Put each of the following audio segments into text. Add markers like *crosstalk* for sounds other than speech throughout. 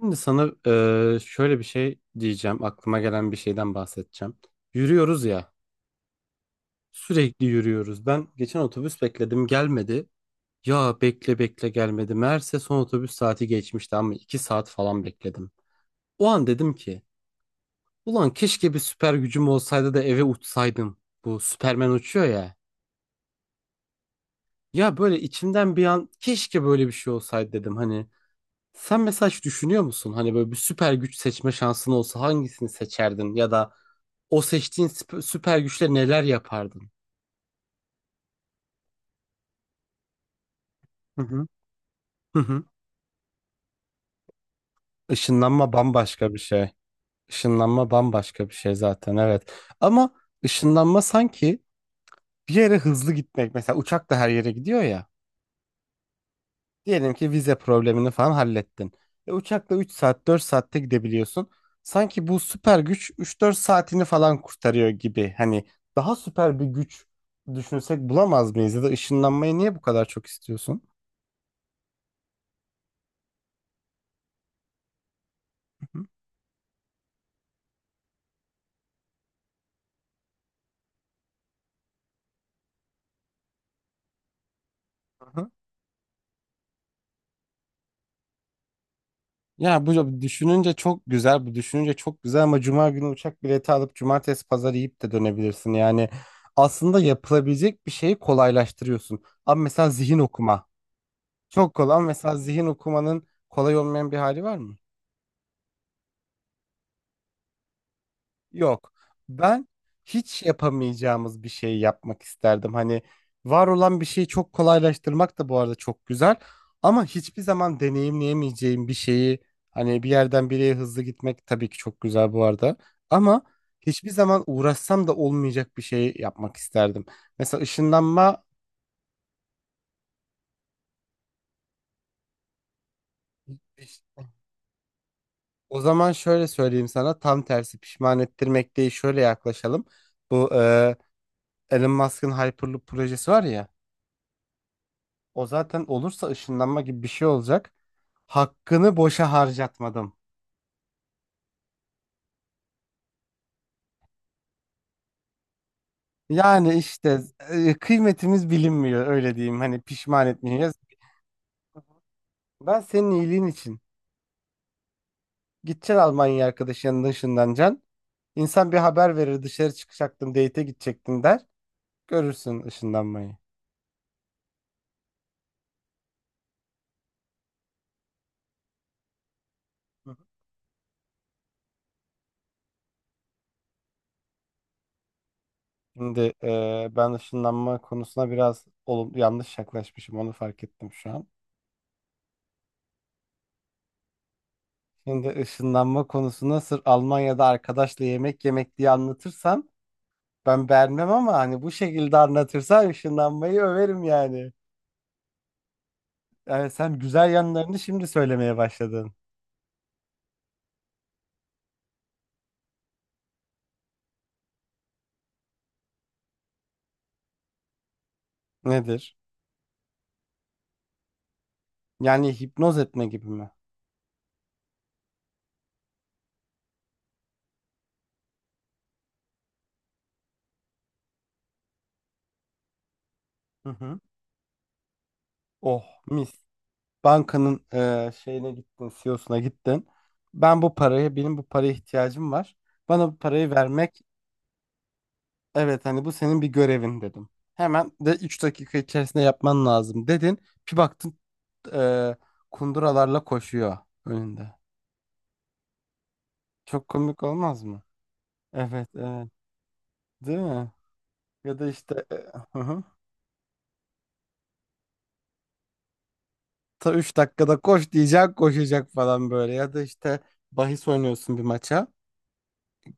Şimdi sana şöyle bir şey diyeceğim. Aklıma gelen bir şeyden bahsedeceğim. Yürüyoruz ya. Sürekli yürüyoruz. Ben geçen otobüs bekledim, gelmedi. Ya bekle bekle gelmedi. Meğerse son otobüs saati geçmişti ama 2 saat falan bekledim. O an dedim ki ulan keşke bir süper gücüm olsaydı da eve uçsaydım. Bu Superman uçuyor ya. Ya böyle içimden bir an keşke böyle bir şey olsaydı dedim. Hani, sen mesela hiç düşünüyor musun? Hani böyle bir süper güç seçme şansın olsa hangisini seçerdin? Ya da o seçtiğin süper güçle neler yapardın? Hı hı. Hı hı. Işınlanma bambaşka bir şey. Işınlanma bambaşka bir şey zaten, evet. Ama ışınlanma sanki bir yere hızlı gitmek. Mesela uçak da her yere gidiyor ya. Diyelim ki vize problemini falan hallettin. Uçakla 3 saat 4 saatte gidebiliyorsun. Sanki bu süper güç üç dört saatini falan kurtarıyor gibi. Hani daha süper bir güç düşünsek bulamaz mıyız? Ya da ışınlanmayı niye bu kadar çok istiyorsun? Hı hı. Hı hı. Ya bu düşününce çok güzel, bu düşününce çok güzel ama cuma günü uçak bileti alıp cumartesi pazar yiyip de dönebilirsin. Yani aslında yapılabilecek bir şeyi kolaylaştırıyorsun. Ama mesela zihin okuma. Çok kolay. Mesela zihin okumanın kolay olmayan bir hali var mı? Yok. Ben hiç yapamayacağımız bir şey yapmak isterdim. Hani var olan bir şeyi çok kolaylaştırmak da bu arada çok güzel. Ama hiçbir zaman deneyimleyemeyeceğim bir şeyi, hani bir yerden bir yere hızlı gitmek tabii ki çok güzel bu arada. Ama hiçbir zaman uğraşsam da olmayacak bir şey yapmak isterdim. Mesela ışınlanma. O zaman şöyle söyleyeyim sana, tam tersi, pişman ettirmek değil, şöyle yaklaşalım. Bu Elon Musk'ın Hyperloop projesi var ya, o zaten olursa ışınlanma gibi bir şey olacak. Hakkını boşa harcatmadım. Yani işte kıymetimiz bilinmiyor, öyle diyeyim, hani pişman etmeyeceğiz. Ben senin iyiliğin için, gideceksin Almanya, arkadaşının yanında ışınlanacaksın. İnsan bir haber verir, dışarı çıkacaktım, date'e gidecektim der. Görürsün ışınlanmayı. Şimdi ben ışınlanma konusuna biraz yanlış yaklaşmışım, onu fark ettim şu an. Şimdi ışınlanma konusuna sırf Almanya'da arkadaşla yemek yemek diye anlatırsam ben beğenmem ama hani bu şekilde anlatırsan ışınlanmayı överim yani. Yani sen güzel yanlarını şimdi söylemeye başladın. Nedir? Yani hipnoz etme gibi mi? Hı hı. Oh, mis. Bankanın şeyine gittin, CEO'suna gittin. Ben bu parayı, benim bu paraya ihtiyacım var. Bana bu parayı vermek. Evet, hani bu senin bir görevin, dedim. Hemen de 3 dakika içerisinde yapman lazım, dedin. Bir baktın e, kunduralarla koşuyor önünde. Çok komik olmaz mı? Evet, evet, değil mi? Ya da işte hı hı. Ta 3 dakikada koş diyecek, koşacak falan böyle. Ya da işte bahis oynuyorsun bir maça.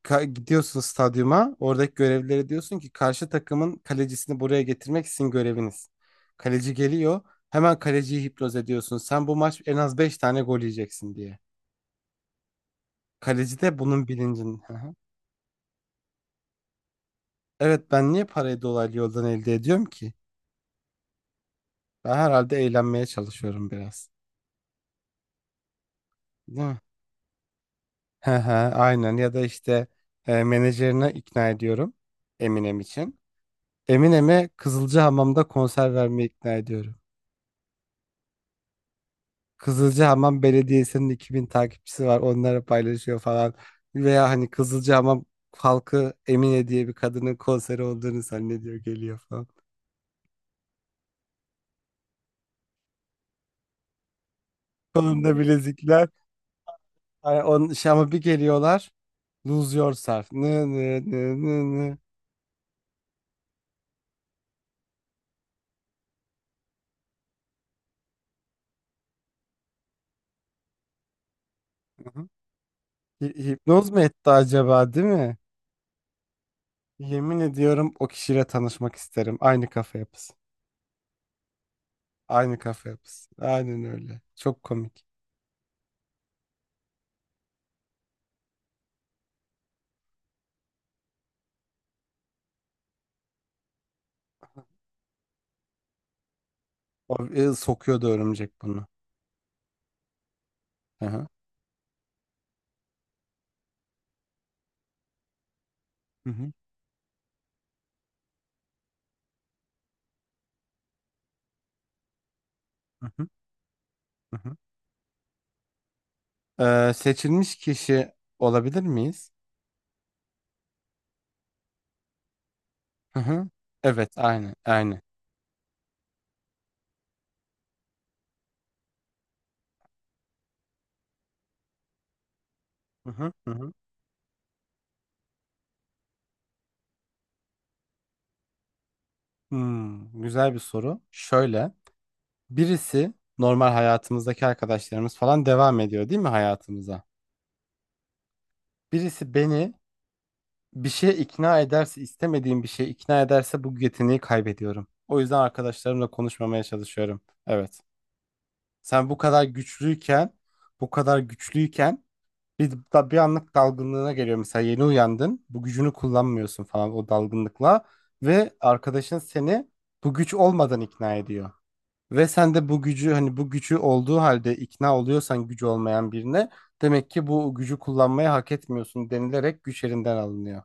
Gidiyorsun stadyuma. Oradaki görevlilere diyorsun ki karşı takımın kalecisini buraya getirmek sizin göreviniz. Kaleci geliyor. Hemen kaleciyi hipnoz ediyorsun. Sen bu maç en az 5 tane gol yiyeceksin diye. Kaleci de bunun bilincin. Hı hı. Evet, ben niye parayı dolaylı yoldan elde ediyorum ki? Ben herhalde eğlenmeye çalışıyorum biraz. Değil mi? Hı hı, aynen. Ya da işte menajerine ikna ediyorum Eminem için. Eminem'e Kızılcahamam'da konser vermeye ikna ediyorum. Kızılcahamam Belediyesi'nin 2000 takipçisi var. Onlara paylaşıyor falan. Veya hani Kızılcahamam halkı Emine diye bir kadının konseri olduğunu zannediyor, geliyor falan. Kolunda bilezikler. Hani onun şey, ama bir geliyorlar. Lose Yourself. Nı nı nı nı nı. Hı hı. Hipnoz mu etti acaba, değil mi? Yemin ediyorum o kişiyle tanışmak isterim. Aynı kafa yapısı. Aynı kafa yapısı. Aynen öyle. Çok komik. O, sokuyordu örümcek bunu. Hı hı. Hı hı. Hı hı. Hı hı. Seçilmiş kişi olabilir miyiz? Hı hı. Evet, aynı, aynı. Hı hı, hı hı. Güzel bir soru. Şöyle, birisi, normal hayatımızdaki arkadaşlarımız falan devam ediyor değil mi hayatımıza? Birisi beni bir şeye ikna ederse, istemediğim bir şeye ikna ederse bu yeteneği kaybediyorum. O yüzden arkadaşlarımla konuşmamaya çalışıyorum. Evet. Sen bu kadar güçlüyken, bu kadar güçlüyken, bir anlık dalgınlığına geliyor. Mesela yeni uyandın. Bu gücünü kullanmıyorsun falan o dalgınlıkla. Ve arkadaşın seni bu güç olmadan ikna ediyor. Ve sen de bu gücü, hani bu gücü olduğu halde ikna oluyorsan, gücü olmayan birine demek ki bu gücü kullanmayı hak etmiyorsun denilerek güç elinden alınıyor.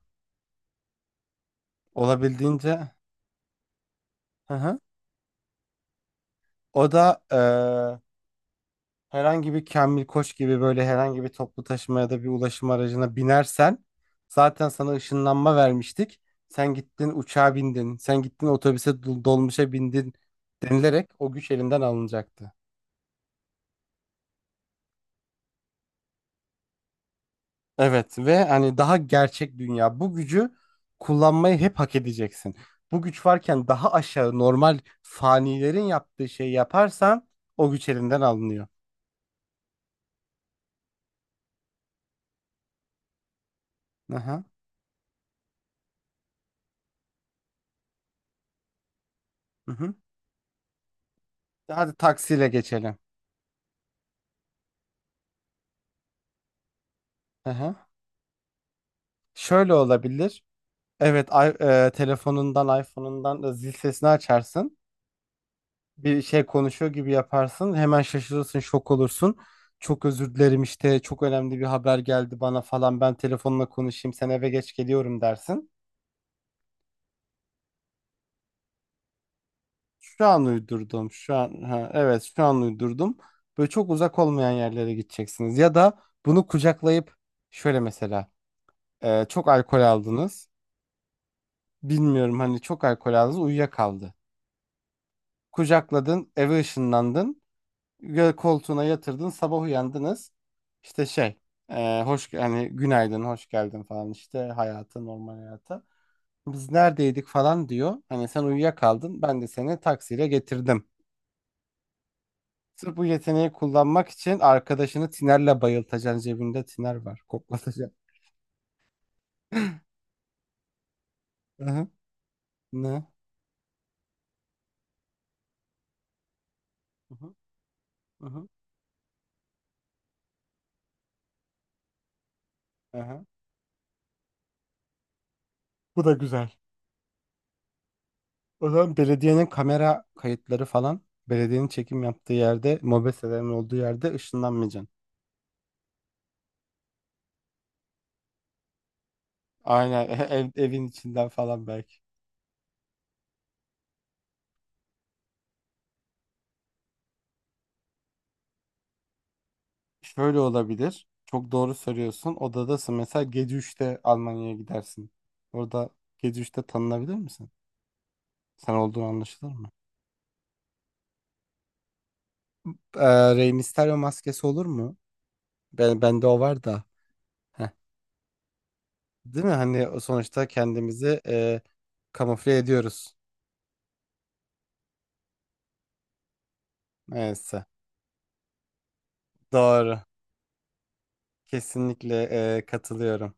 Olabildiğince, hı hı. O da, herhangi bir Kamil Koç gibi, böyle herhangi bir toplu taşıma ya da bir ulaşım aracına binersen zaten sana ışınlanma vermiştik. Sen gittin uçağa bindin, sen gittin otobüse, dolmuşa bindin denilerek o güç elinden alınacaktı. Evet, ve hani, daha gerçek dünya, bu gücü kullanmayı hep hak edeceksin. Bu güç varken daha aşağı, normal fanilerin yaptığı şeyi yaparsan o güç elinden alınıyor. Aha. Hı hı. Hadi taksiyle geçelim. Aha. Şöyle olabilir. Evet, telefonundan, iPhone'undan da zil sesini açarsın. Bir şey konuşuyor gibi yaparsın. Hemen şaşırırsın, şok olursun. Çok özür dilerim, işte çok önemli bir haber geldi bana falan. Ben telefonla konuşayım, sen eve geç geliyorum dersin. Şu an uydurdum. Şu an, ha, evet, şu an uydurdum. Böyle çok uzak olmayan yerlere gideceksiniz ya da bunu kucaklayıp, şöyle mesela, çok alkol aldınız. Bilmiyorum, hani çok alkol aldınız, uyuyakaldı. Kucakladın, eve ışınlandın. Koltuğuna yatırdın, sabah uyandınız. İşte şey, hoş yani, günaydın, hoş geldin falan, işte hayata, normal hayata, biz neredeydik falan diyor, hani sen uyuyakaldın ben de seni taksiyle getirdim. Sırf bu yeteneği kullanmak için arkadaşını tinerle bayıltacaksın, cebinde tiner var, koklatacaksın. Hı hı. Ne. Hı hı. Hı hı. Hı hı. Bu da güzel. O zaman belediyenin kamera kayıtları falan, belediyenin çekim yaptığı yerde, mobeselerin olduğu yerde ışınlanmayacaksın. Aynen. *laughs* Evin içinden falan belki. Şöyle olabilir. Çok doğru söylüyorsun. Odadasın. Mesela gece 3'te Almanya'ya gidersin. Orada gece 3'te tanınabilir misin? Sen olduğun anlaşılır mı? Rey Mysterio maskesi olur mu? Bende o var da. Heh. Değil mi? Hani o sonuçta kendimizi kamufle ediyoruz. Neyse. Doğru. Kesinlikle katılıyorum.